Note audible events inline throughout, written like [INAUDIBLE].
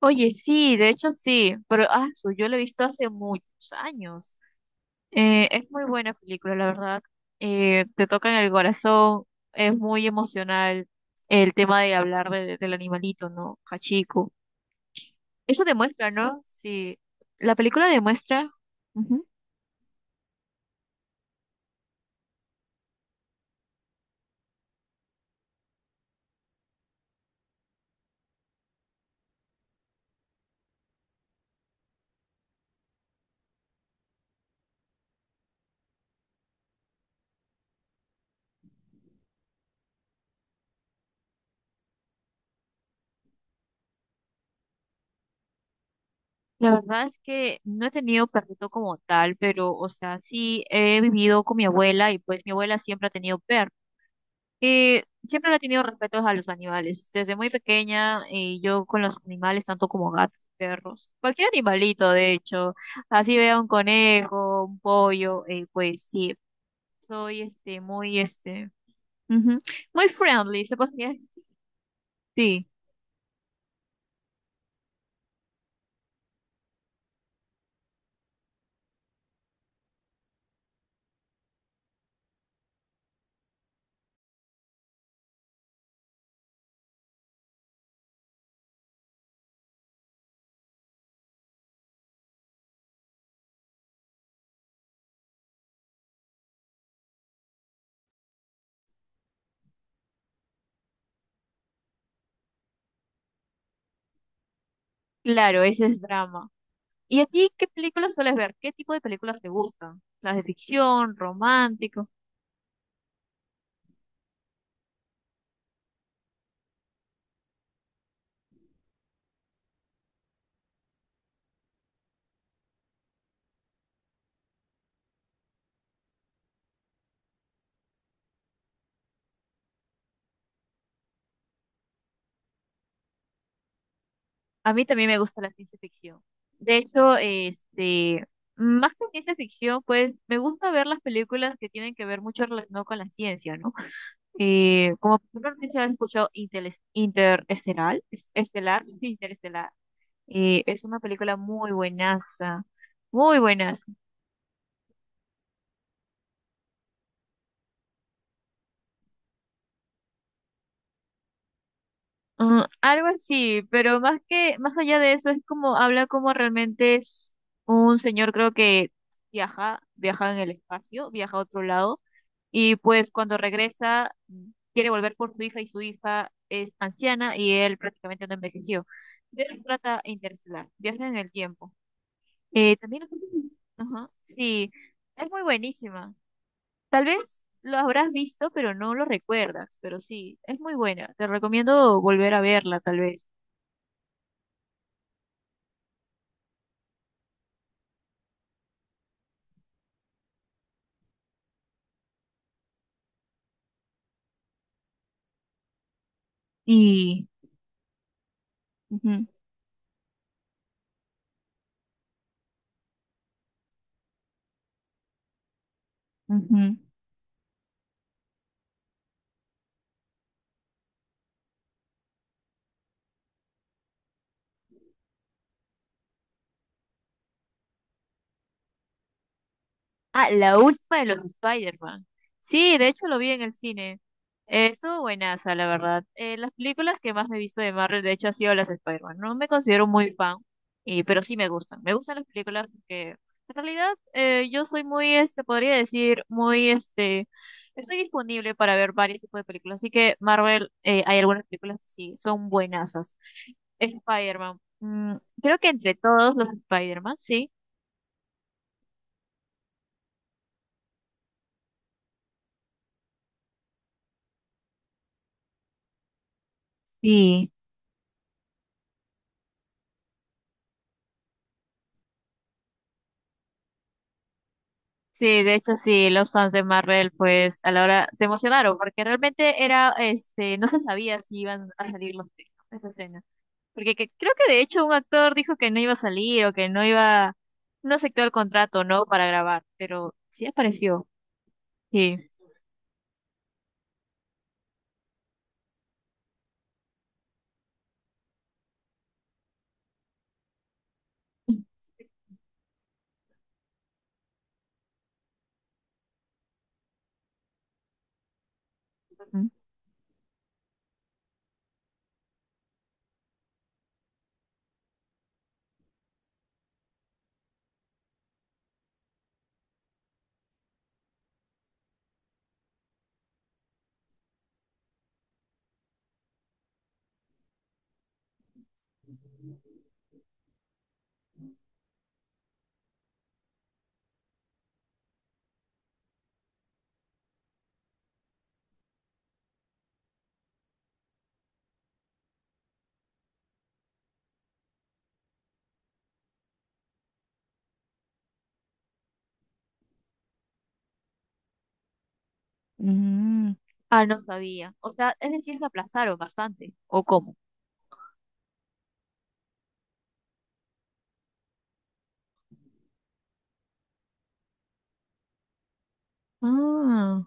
Oye, sí, de hecho sí, pero yo lo he visto hace muchos años. Es muy buena película, la verdad. Te toca en el corazón, es muy emocional el tema de hablar del animalito, ¿no? Hachiko. Eso demuestra, ¿no? Sí, la película demuestra. Ujú. La verdad es que no he tenido perrito como tal, pero, o sea, sí he vivido con mi abuela y pues mi abuela siempre ha tenido perros. Siempre le he tenido respeto a los animales. Desde muy pequeña, yo con los animales, tanto como gatos, perros, cualquier animalito, de hecho, así vea un conejo, un pollo, pues sí, soy muy ujú, muy friendly, se podría decir. Sí, claro, ese es drama. ¿Y a ti qué películas sueles ver? ¿Qué tipo de películas te gustan? ¿Las de ficción, romántico? A mí también me gusta la ciencia ficción. De hecho, más que ciencia ficción, pues me gusta ver las películas que tienen que ver mucho relacionado con la ciencia, ¿no? Como por ejemplo, no sé si has escuchado Interestelar, [LAUGHS] Interestelar. Es una película muy buenaza, muy buenaza. Algo así, pero más allá de eso, es como, habla como realmente es un señor, creo que viaja en el espacio, viaja a otro lado. Y pues cuando regresa, quiere volver por su hija y su hija es anciana y él prácticamente no envejeció. De eso trata Interestelar, viaje en el tiempo. Eh, también, ajá, sí, es muy buenísima. Tal vez lo habrás visto, pero no lo recuerdas, pero sí, es muy buena. Te recomiendo volver a verla, tal vez. Y, ujú, ujú. Ah, la última de los Spider-Man. Sí, de hecho lo vi en el cine. Estuvo buenaza, la verdad. Las películas que más me he visto de Marvel, de hecho, han sido las de Spider-Man. No me considero muy fan, y, pero sí me gustan. Me gustan las películas porque en realidad yo soy muy, este, podría decir, muy, este, estoy disponible para ver varios tipos de películas. Así que Marvel, hay algunas películas que sí, son buenazas. Spider-Man. Creo que entre todos los Spider-Man, sí. Sí. Sí, de hecho sí, los fans de Marvel pues a la hora se emocionaron porque realmente era, no se sabía si iban a salir los tres, ¿no? Esa escena. Creo que de hecho un actor dijo que no iba a salir o que no iba, no aceptó el contrato, ¿no? Para grabar, pero sí apareció. Sí. Ujú. Mm. Ah, no sabía. O sea, es decir, que aplazaron bastante. ¿O cómo? Ah,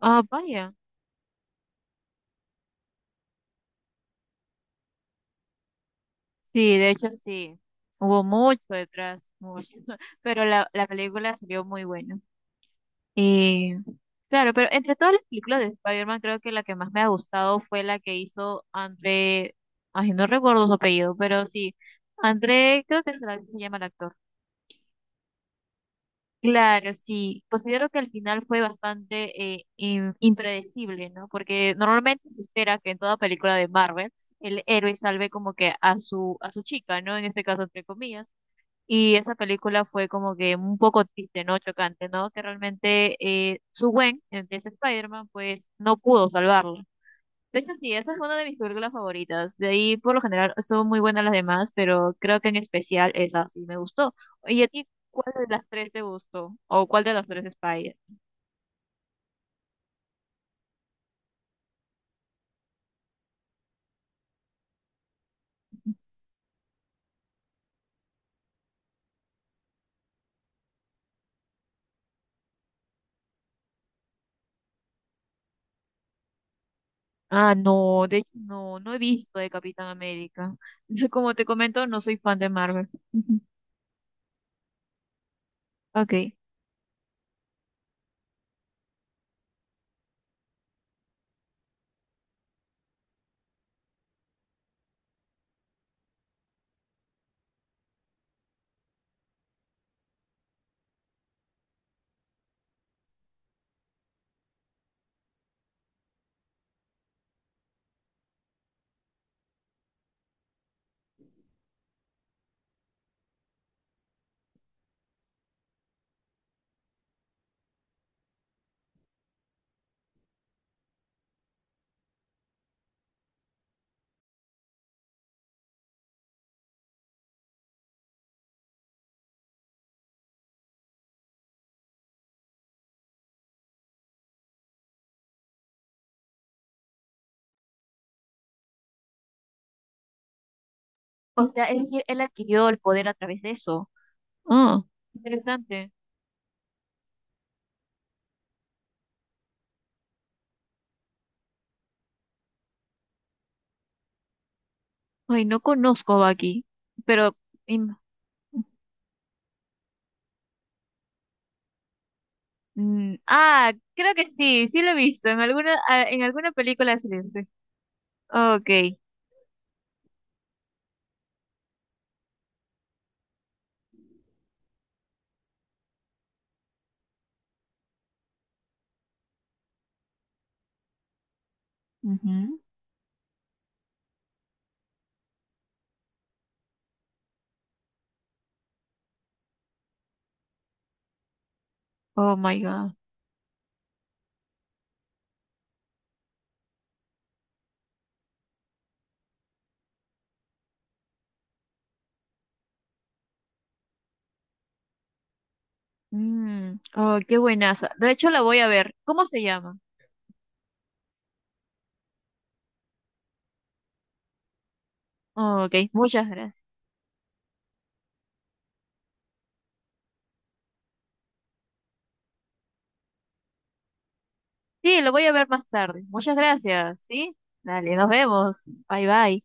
ah, vaya. Sí, de hecho sí. Hubo mucho detrás, mucho. [LAUGHS] Pero la película salió muy buena. Eh, claro, pero entre todas las películas de Spider-Man, creo que la que más me ha gustado fue la que hizo André, ay, no recuerdo su apellido, pero sí, André, creo que se llama el actor. Claro, sí, considero que al final fue bastante impredecible, ¿no? Porque normalmente se espera que en toda película de Marvel el héroe salve como que a a su chica, ¿no? En este caso, entre comillas, y esa película fue como que un poco triste, ¿no? Chocante, ¿no? Que realmente su Gwen, el que es Spider-Man, pues no pudo salvarlo. De hecho, sí, esa es una de mis películas favoritas. De ahí, por lo general, son muy buenas las demás, pero creo que en especial esa sí me gustó. ¿Y a ti cuál de las tres te gustó? ¿O cuál de las tres Spider? Ah, no, de hecho, no, no he visto de Capitán América. [LAUGHS] Como te comento, no soy fan de Marvel. [LAUGHS] Ujú. Ok. O sea, es decir, él adquirió el poder a través de eso. Ah, interesante. Ay, no conozco a Baki, pero... im- creo que sí, sí lo he visto. En alguna, en alguna película excelente. Okay. Ujú. Oh, my God. Oh, qué buenaza. De hecho, la voy a ver. ¿Cómo se llama? Oh, ok, muchas gracias. Sí, lo voy a ver más tarde. Muchas gracias, ¿sí? Dale, nos vemos. Bye, bye.